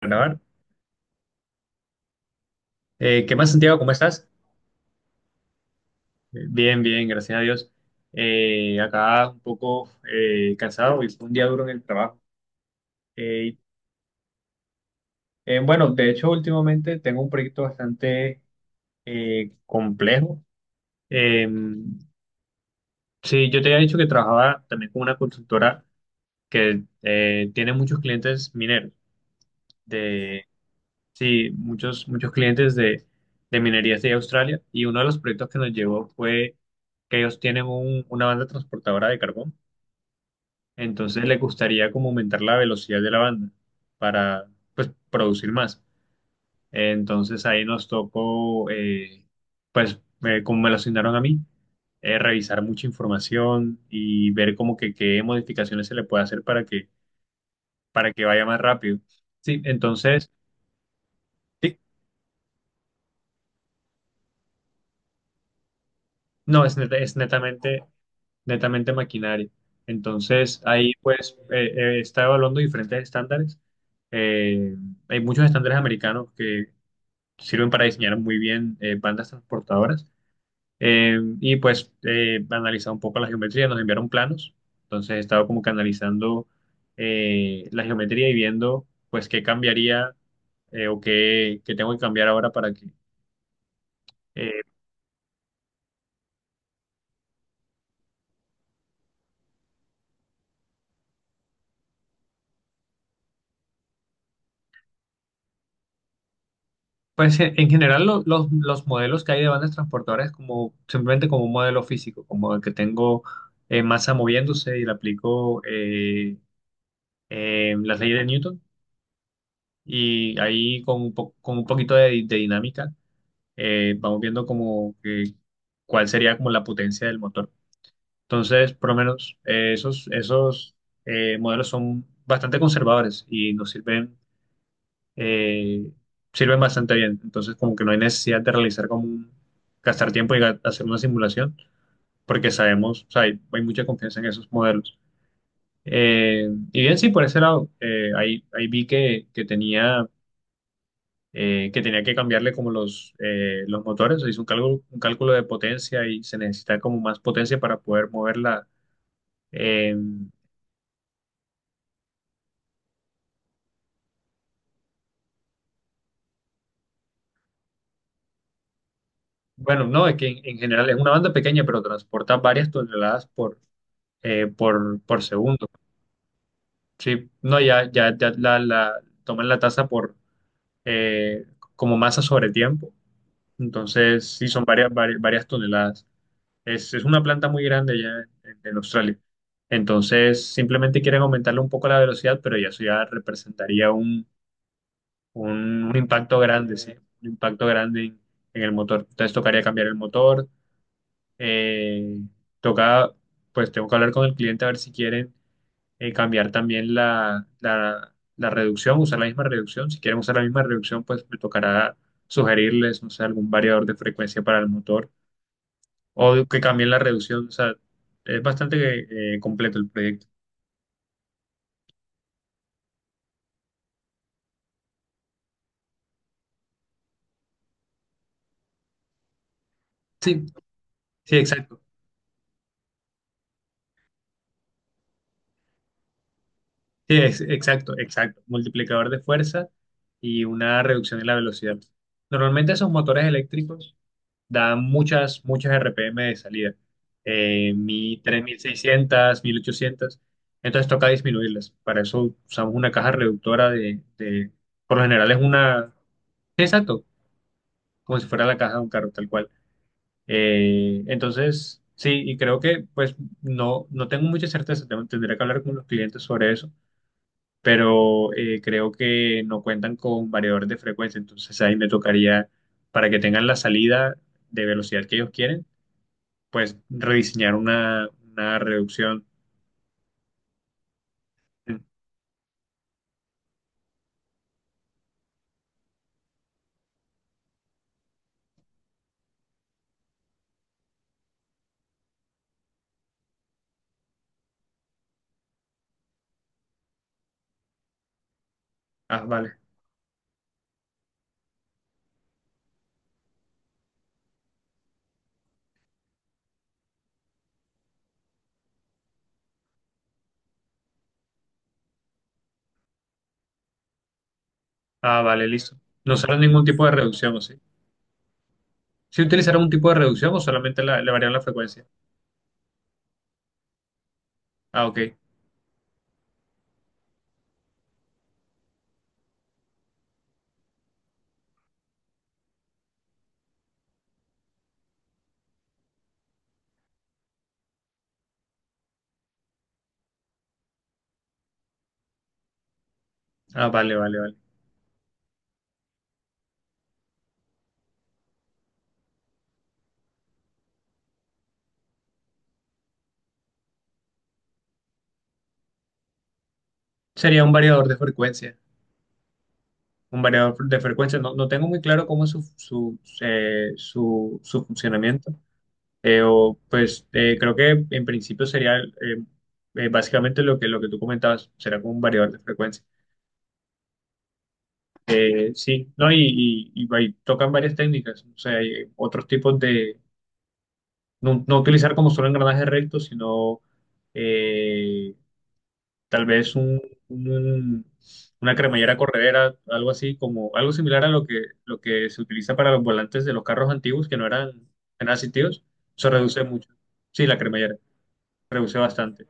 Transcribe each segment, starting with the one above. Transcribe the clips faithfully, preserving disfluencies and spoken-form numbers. Grabar. Eh, ¿qué más, Santiago? ¿Cómo estás? Eh, Bien, bien, gracias a Dios. Eh, acá un poco eh, cansado y fue un día duro en el trabajo. Eh, eh, bueno, de hecho, últimamente tengo un proyecto bastante eh, complejo. Eh, sí, yo te había dicho que trabajaba también con una consultora que eh, tiene muchos clientes mineros. Sí, muchos, muchos clientes de, de minerías de Australia, y uno de los proyectos que nos llevó fue que ellos tienen un- una banda transportadora de carbón, entonces les gustaría como aumentar la velocidad de la banda para pues producir más. Entonces ahí nos tocó, eh, pues eh, como me lo asignaron a mí, eh, revisar mucha información y ver como que qué modificaciones se le puede hacer para que, para que vaya más rápido. Sí, entonces, sí, no, es, net- es netamente netamente maquinaria. Entonces, ahí pues eh, eh, está evaluando diferentes estándares. Eh, Hay muchos estándares americanos que sirven para diseñar muy bien eh, bandas transportadoras. Eh, y pues eh, analizar un poco la geometría, nos enviaron planos. Entonces, he estado como que analizando eh, la geometría y viendo pues qué cambiaría eh, o qué, qué tengo que cambiar ahora para que, eh, pues e- en general lo- los, los modelos que hay de bandas transportadoras es como simplemente como un modelo físico, como el que tengo eh, masa moviéndose y le aplico eh, eh, las leyes de Newton, y ahí con un, po- con un poquito de, de dinámica eh, vamos viendo como que cuál sería como la potencia del motor. Entonces, por lo menos eh, esos, esos eh, modelos son bastante conservadores y nos sirven, eh, sirven bastante bien. Entonces, como que no hay necesidad de realizar como un- gastar tiempo y ga- hacer una simulación, porque sabemos, o sea, hay, hay mucha confianza en esos modelos. Eh, y bien, sí, por ese lado, eh, ahí, ahí vi que, que tenía, eh, que tenía que cambiarle como los, eh, los motores, hizo un cálculo, un cálculo de potencia y se necesita como más potencia para poder moverla. eh, bueno, no, es que en, en general es una banda pequeña, pero transporta varias toneladas por, eh, por, por segundo. Sí, no, ya, ya, ya la, la- toman la tasa por eh, como masa sobre tiempo. Entonces, sí, son varias, varias, varias toneladas. Es, es una planta muy grande ya en, en Australia. Entonces, simplemente quieren aumentarle un poco la velocidad, pero ya eso ya representaría un, un, un impacto grande, sí, un impacto grande en, en el motor. Entonces, tocaría cambiar el motor. eh, Toca, pues tengo que hablar con el cliente a ver si quieren eh, cambiar también la, la, la reducción, usar la misma reducción. Si quieren usar la misma reducción, pues me tocará sugerirles, no sé, algún variador de frecuencia para el motor, o que cambien la reducción. O sea, es bastante eh, completo el proyecto. Sí, sí, exacto. Sí, es- exacto, exacto. Multiplicador de fuerza y una reducción en la velocidad. Normalmente esos motores eléctricos da muchas, muchas R P M de salida, eh, mi tres mil seiscientos, mil ochocientos, entonces toca disminuirlas. Para eso usamos una caja reductora de, de- por lo general es una, sí, exacto, como si fuera la caja de un carro, tal cual. Eh, entonces, sí, y creo que pues no, no tengo mucha certeza, tengo- tendré que hablar con los clientes sobre eso, pero eh, creo que no cuentan con variadores de frecuencia, entonces ahí me tocaría, para que tengan la salida de velocidad que ellos quieren, pues rediseñar una, una reducción. Ah, vale. Ah, vale, listo. No será ningún tipo de reducción, ¿o sí? ¿Sí utilizará un tipo de reducción o solamente la- le varían la frecuencia? Ah, ok. Ah, vale, vale, vale. Sería un variador de frecuencia. Un variador de frecuencia. No, no tengo muy claro cómo es su, su, eh, su, su funcionamiento. Eh, o, pues eh, creo que en principio sería eh, eh, básicamente lo que, lo que tú comentabas. Será como un variador de frecuencia. Eh, sí, no, y, y, y va- y tocan varias técnicas, o sea, hay otros tipos de, no, no utilizar como solo engranaje recto, sino eh, tal vez un, un- una cremallera corredera, algo así, como algo similar a lo que, lo que se utiliza para los volantes de los carros antiguos que no eran, eran asistidos, se reduce mucho. Sí, la cremallera, reduce bastante.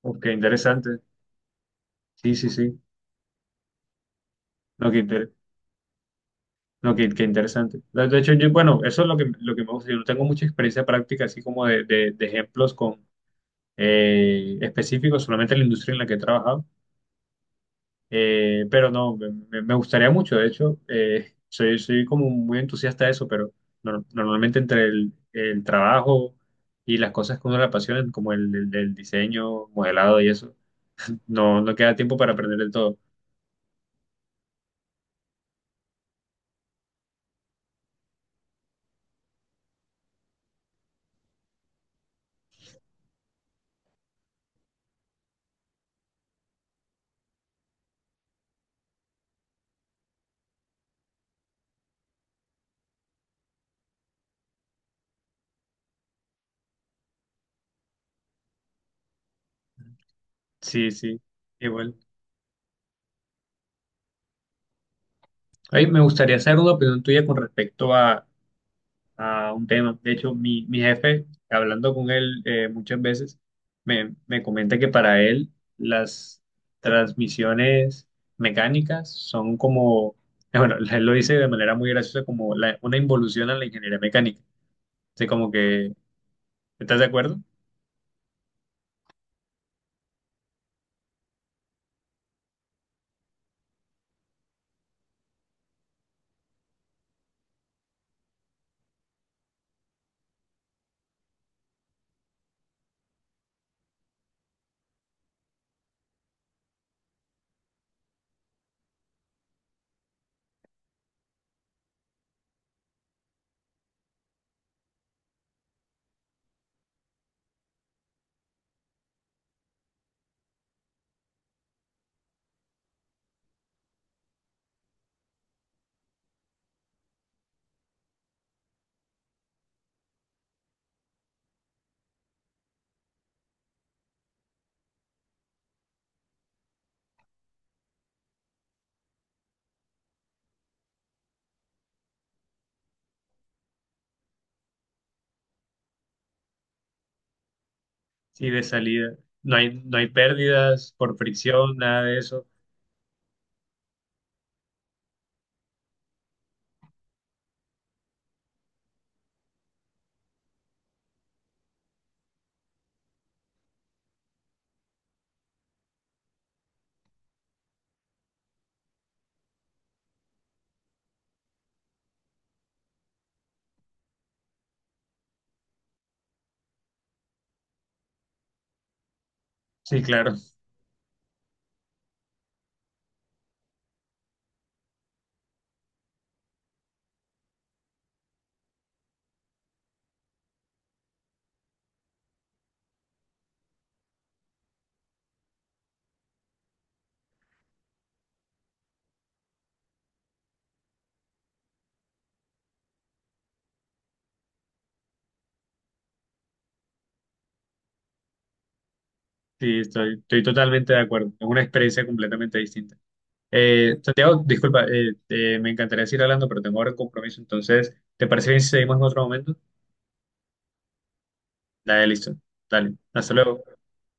Ok, interesante. Sí, sí, sí. No, que inter- No, qué, qué interesante. De de hecho, yo, bueno, eso es lo que, lo que me gusta. Yo no tengo mucha experiencia práctica, así como de, de- de ejemplos con, eh, específicos, solamente en la industria en la que he trabajado. Eh, pero no, me, me- me gustaría mucho. De hecho, eh, soy, soy como muy entusiasta de eso, pero nor- normalmente entre el, el trabajo y las cosas que uno le apasionan, como el, el- el diseño, modelado y eso, no, no queda tiempo para aprender del todo. Sí, sí, igual. Ay, me gustaría saber una opinión tuya con respecto a a un tema. De hecho, mi, mi jefe, hablando con él eh, muchas veces, me, me comenta que para él las transmisiones mecánicas son como, eh, bueno, él lo dice de manera muy graciosa, como la- una involución a la ingeniería mecánica. O sea, como que, ¿estás de acuerdo? Sí, de salida. No hay, no hay pérdidas por fricción, nada de eso. Sí, claro. Sí, estoy, estoy totalmente de acuerdo. Es una experiencia completamente distinta. Eh, Santiago, disculpa, eh, eh, me encantaría seguir hablando, pero tengo ahora un compromiso, entonces, ¿te parece bien si seguimos en otro momento? Dale, listo. Dale, hasta luego.